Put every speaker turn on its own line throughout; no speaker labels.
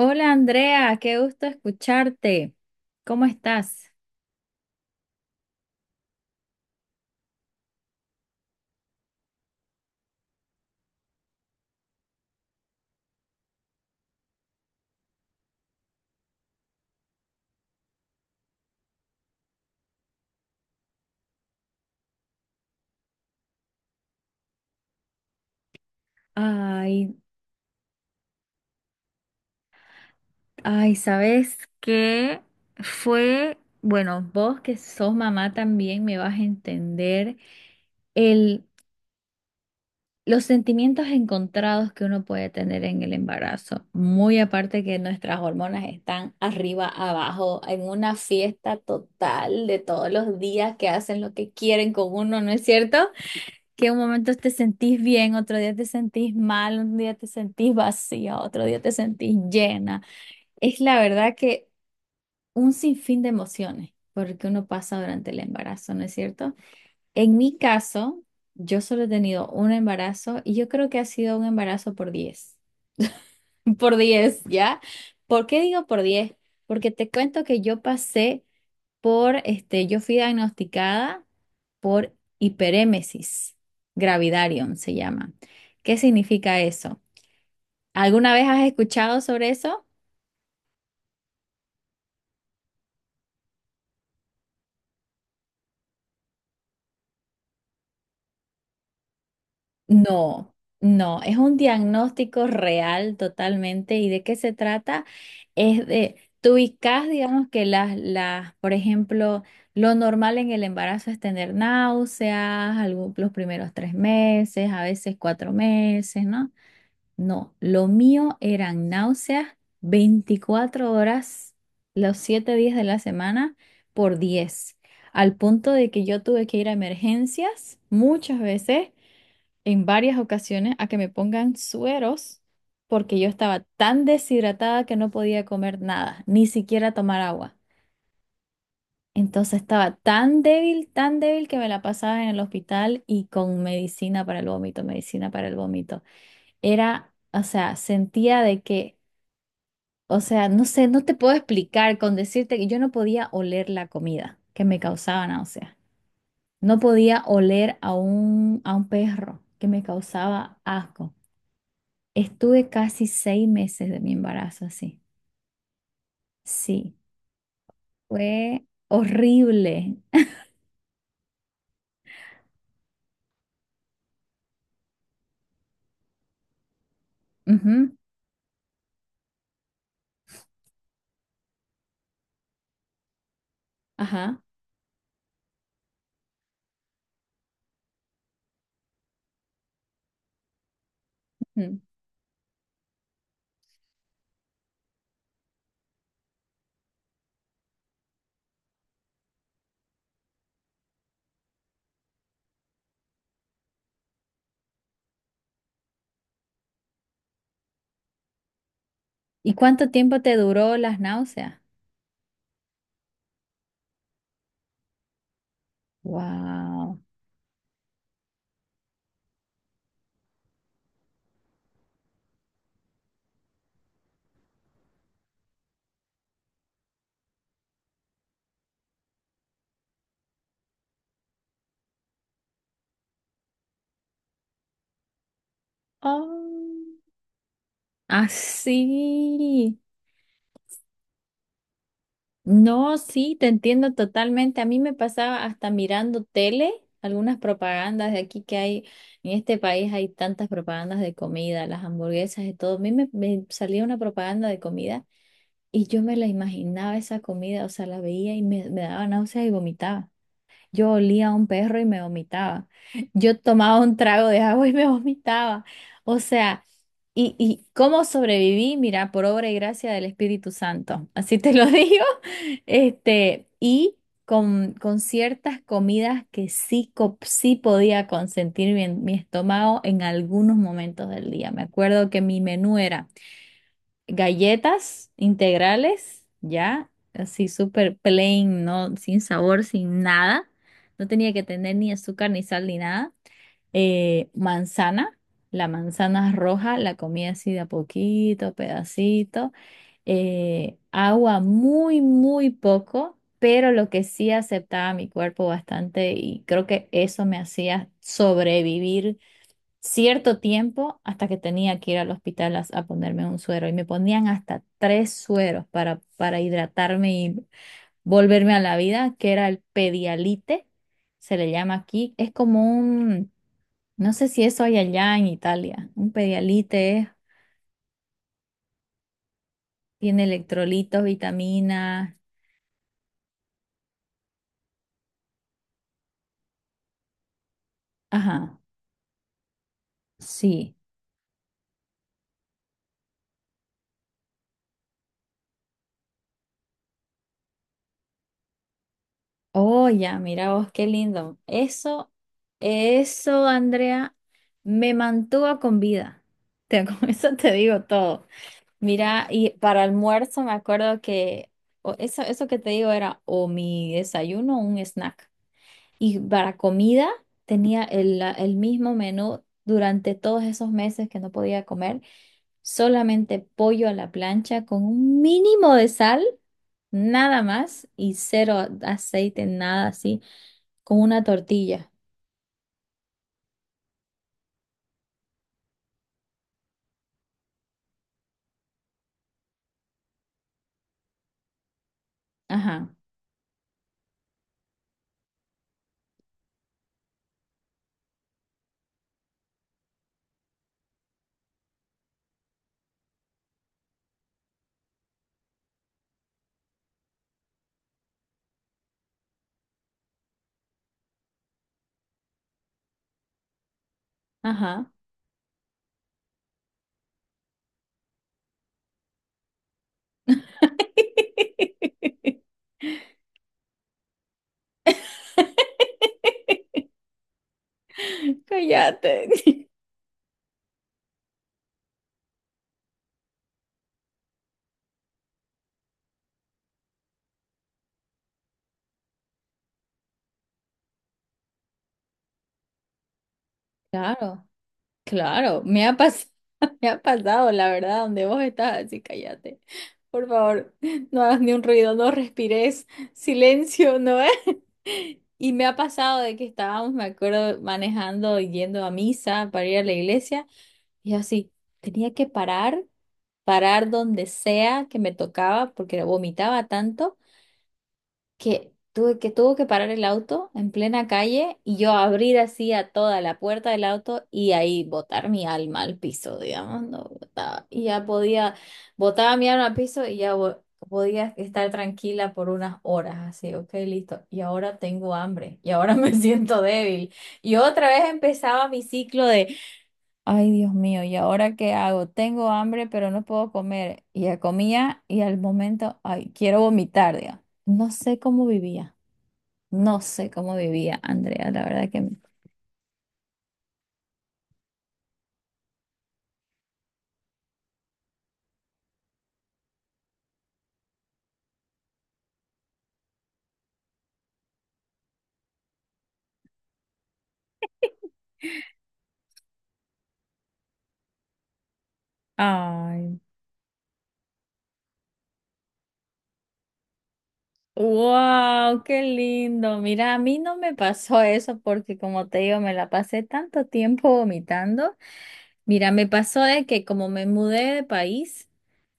Hola Andrea, qué gusto escucharte. ¿Cómo estás? Ay, ay, ¿sabes qué? Fue, bueno, vos que sos mamá también me vas a entender el, los sentimientos encontrados que uno puede tener en el embarazo. Muy aparte que nuestras hormonas están arriba, abajo, en una fiesta total de todos los días que hacen lo que quieren con uno, ¿no es cierto? Que un momento te sentís bien, otro día te sentís mal, un día te sentís vacía, otro día te sentís llena. Es la verdad que un sinfín de emociones, porque uno pasa durante el embarazo, ¿no es cierto? En mi caso, yo solo he tenido un embarazo y yo creo que ha sido un embarazo por 10, por 10, ¿ya? ¿Por qué digo por 10? Porque te cuento que yo pasé yo fui diagnosticada por hiperémesis gravidarium, se llama. ¿Qué significa eso? ¿Alguna vez has escuchado sobre eso? No, no, es un diagnóstico real totalmente. ¿Y de qué se trata? Es de, tú ubicas, digamos que por ejemplo, lo normal en el embarazo es tener náuseas, los primeros 3 meses, a veces 4 meses, ¿no? No, lo mío eran náuseas 24 horas, los 7 días de la semana por 10, al punto de que yo tuve que ir a emergencias muchas veces, en varias ocasiones, a que me pongan sueros porque yo estaba tan deshidratada que no podía comer nada, ni siquiera tomar agua. Entonces estaba tan débil que me la pasaba en el hospital y con medicina para el vómito, medicina para el vómito. Era, o sea, sentía de que. O sea, no sé, no te puedo explicar, con decirte que yo no podía oler la comida que me causaba náusea. No podía oler a un perro que me causaba asco. Estuve casi 6 meses de mi embarazo así. Sí, fue horrible. Ujú. Ajá. Ujú. ¿Y cuánto tiempo te duró las náuseas? Wow. Oh, así. No, sí, te entiendo totalmente. A mí me pasaba hasta mirando tele, algunas propagandas de aquí que hay, en este país hay tantas propagandas de comida, las hamburguesas y todo. A mí me salía una propaganda de comida y yo me la imaginaba esa comida, o sea, la veía y me daba náuseas y vomitaba. Yo olía a un perro y me vomitaba. Yo tomaba un trago de agua y me vomitaba. O sea, y cómo sobreviví, mira, por obra y gracia del Espíritu Santo. Así te lo digo. Y con ciertas comidas que sí, sí podía consentir mi estómago en algunos momentos del día. Me acuerdo que mi menú era galletas integrales, ya, así súper plain, no, sin sabor, sin nada. No tenía que tener ni azúcar, ni sal, ni nada. Manzana, la manzana roja, la comí así de a poquito, pedacito. Agua muy, muy poco, pero lo que sí aceptaba mi cuerpo bastante y creo que eso me hacía sobrevivir cierto tiempo hasta que tenía que ir al hospital a ponerme un suero y me ponían hasta tres sueros para hidratarme y volverme a la vida, que era el pedialite, se le llama aquí, es como un, no sé si eso hay allá en Italia, un pedialite tiene electrolitos, vitaminas, ajá, sí. Oh, ya, mira vos, qué lindo. Eso, Andrea, me mantuvo con vida. Con eso te digo todo. Mira, y para almuerzo me acuerdo que o eso que te digo era o mi desayuno o un snack. Y para comida tenía el, el mismo menú durante todos esos meses que no podía comer, solamente pollo a la plancha con un mínimo de sal, nada más, y cero aceite, nada así, con una tortilla. Ajá, ajá. Cállate. Claro. Claro, me ha pasado, me ha pasado, la verdad, donde vos estás, así cállate. Por favor, no hagas ni un ruido, no respires, silencio, ¿no es? Y me ha pasado de que estábamos, me acuerdo, manejando, y yendo a misa para ir a la iglesia, y yo así, tenía que parar, parar donde sea que me tocaba, porque vomitaba tanto que tuve que tuvo que parar el auto en plena calle y yo abrir así a toda la puerta del auto y ahí botar mi alma al piso, digamos, no botaba. Y ya podía, botaba mi alma al piso y ya podía estar tranquila por unas horas, así, ok, listo. Y ahora tengo hambre y ahora me siento débil. Y otra vez empezaba mi ciclo. Ay, Dios mío, ¿y ahora qué hago? Tengo hambre, pero no puedo comer. Y ya comía y al momento, ay, quiero vomitar, digamos. No sé cómo vivía, no sé cómo vivía, Andrea, la verdad que. Ay, wow, qué lindo. Mira, a mí no me pasó eso porque como te digo, me la pasé tanto tiempo vomitando. Mira, me pasó de que como me mudé de país,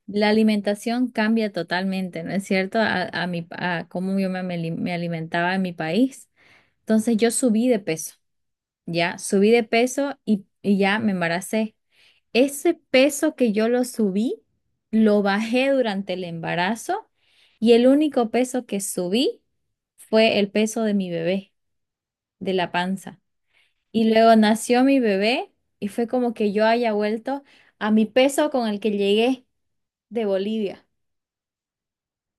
la alimentación cambia totalmente, ¿no es cierto? A mi, a cómo yo me alimentaba en mi país. Entonces yo subí de peso, ya, subí de peso y ya me embaracé. Ese peso que yo lo subí, lo bajé durante el embarazo y el único peso que subí fue el peso de mi bebé, de la panza. Y luego nació mi bebé y fue como que yo haya vuelto a mi peso con el que llegué de Bolivia.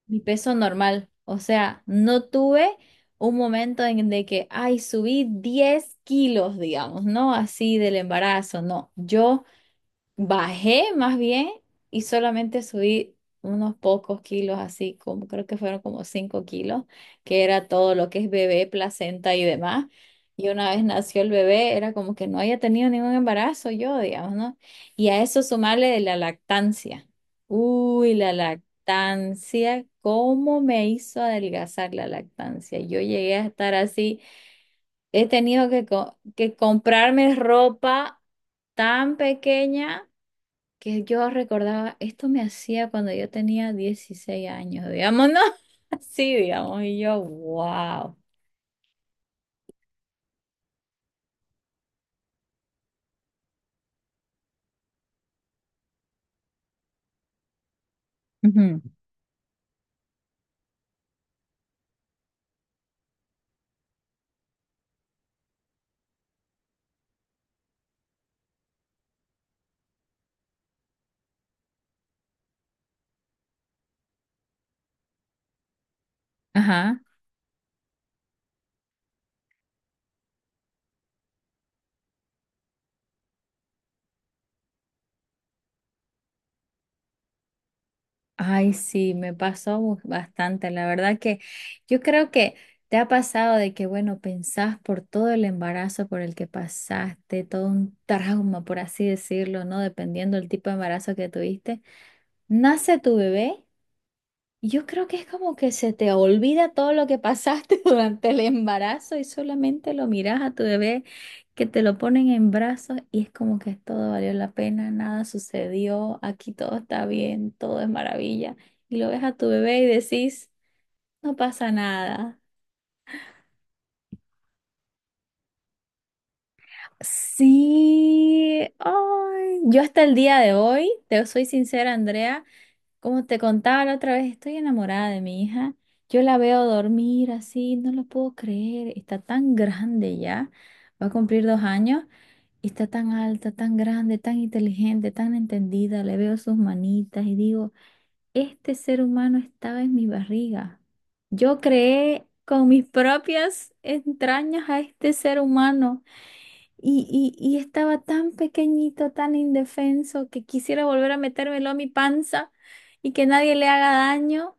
Mi peso normal. O sea, no tuve un momento en de que, ay, subí 10 kilos, digamos, no así del embarazo, no. Yo bajé más bien y solamente subí unos pocos kilos, así como creo que fueron como 5 kilos, que era todo lo que es bebé, placenta y demás. Y una vez nació el bebé, era como que no haya tenido ningún embarazo yo, digamos, ¿no? Y a eso sumarle de la lactancia. Uy, la lactancia, ¿cómo me hizo adelgazar la lactancia? Yo llegué a estar así, he tenido que, que comprarme ropa tan pequeña que yo recordaba, esto me hacía cuando yo tenía 16 años, digamos, ¿no? Así, digamos, y yo, wow. Ujú. Ajá. Ay, sí, me pasó bastante. La verdad que yo creo que te ha pasado de que, bueno, pensás por todo el embarazo por el que pasaste, todo un trauma, por así decirlo, ¿no? Dependiendo del tipo de embarazo que tuviste. Nace tu bebé. Yo creo que es como que se te olvida todo lo que pasaste durante el embarazo y solamente lo miras a tu bebé que te lo ponen en brazos y es como que todo valió la pena, nada sucedió, aquí todo está bien, todo es maravilla. Y lo ves a tu bebé y decís, no pasa nada. Sí, ay, yo hasta el día de hoy, te soy sincera, Andrea. Como te contaba la otra vez, estoy enamorada de mi hija. Yo la veo dormir así, no lo puedo creer. Está tan grande ya, va a cumplir 2 años y está tan alta, tan grande, tan inteligente, tan entendida. Le veo sus manitas y digo, este ser humano estaba en mi barriga. Yo creé con mis propias entrañas a este ser humano. Y, y estaba tan pequeñito, tan indefenso, que quisiera volver a metérmelo a mi panza y que nadie le haga daño.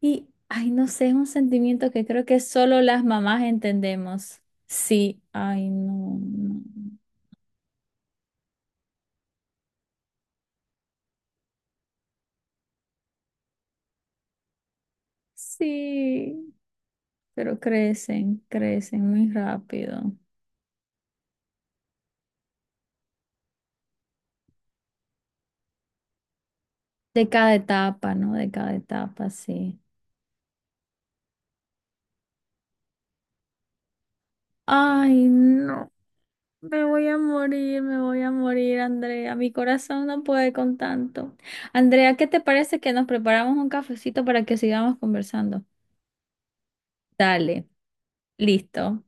Y, ay, no sé, es un sentimiento que creo que solo las mamás entendemos. Sí, ay, no, no. Sí, pero crecen, crecen muy rápido. De cada etapa, ¿no? De cada etapa, sí. Ay, no. Me voy a morir, me voy a morir, Andrea. Mi corazón no puede con tanto. Andrea, ¿qué te parece que nos preparamos un cafecito para que sigamos conversando? Dale, listo.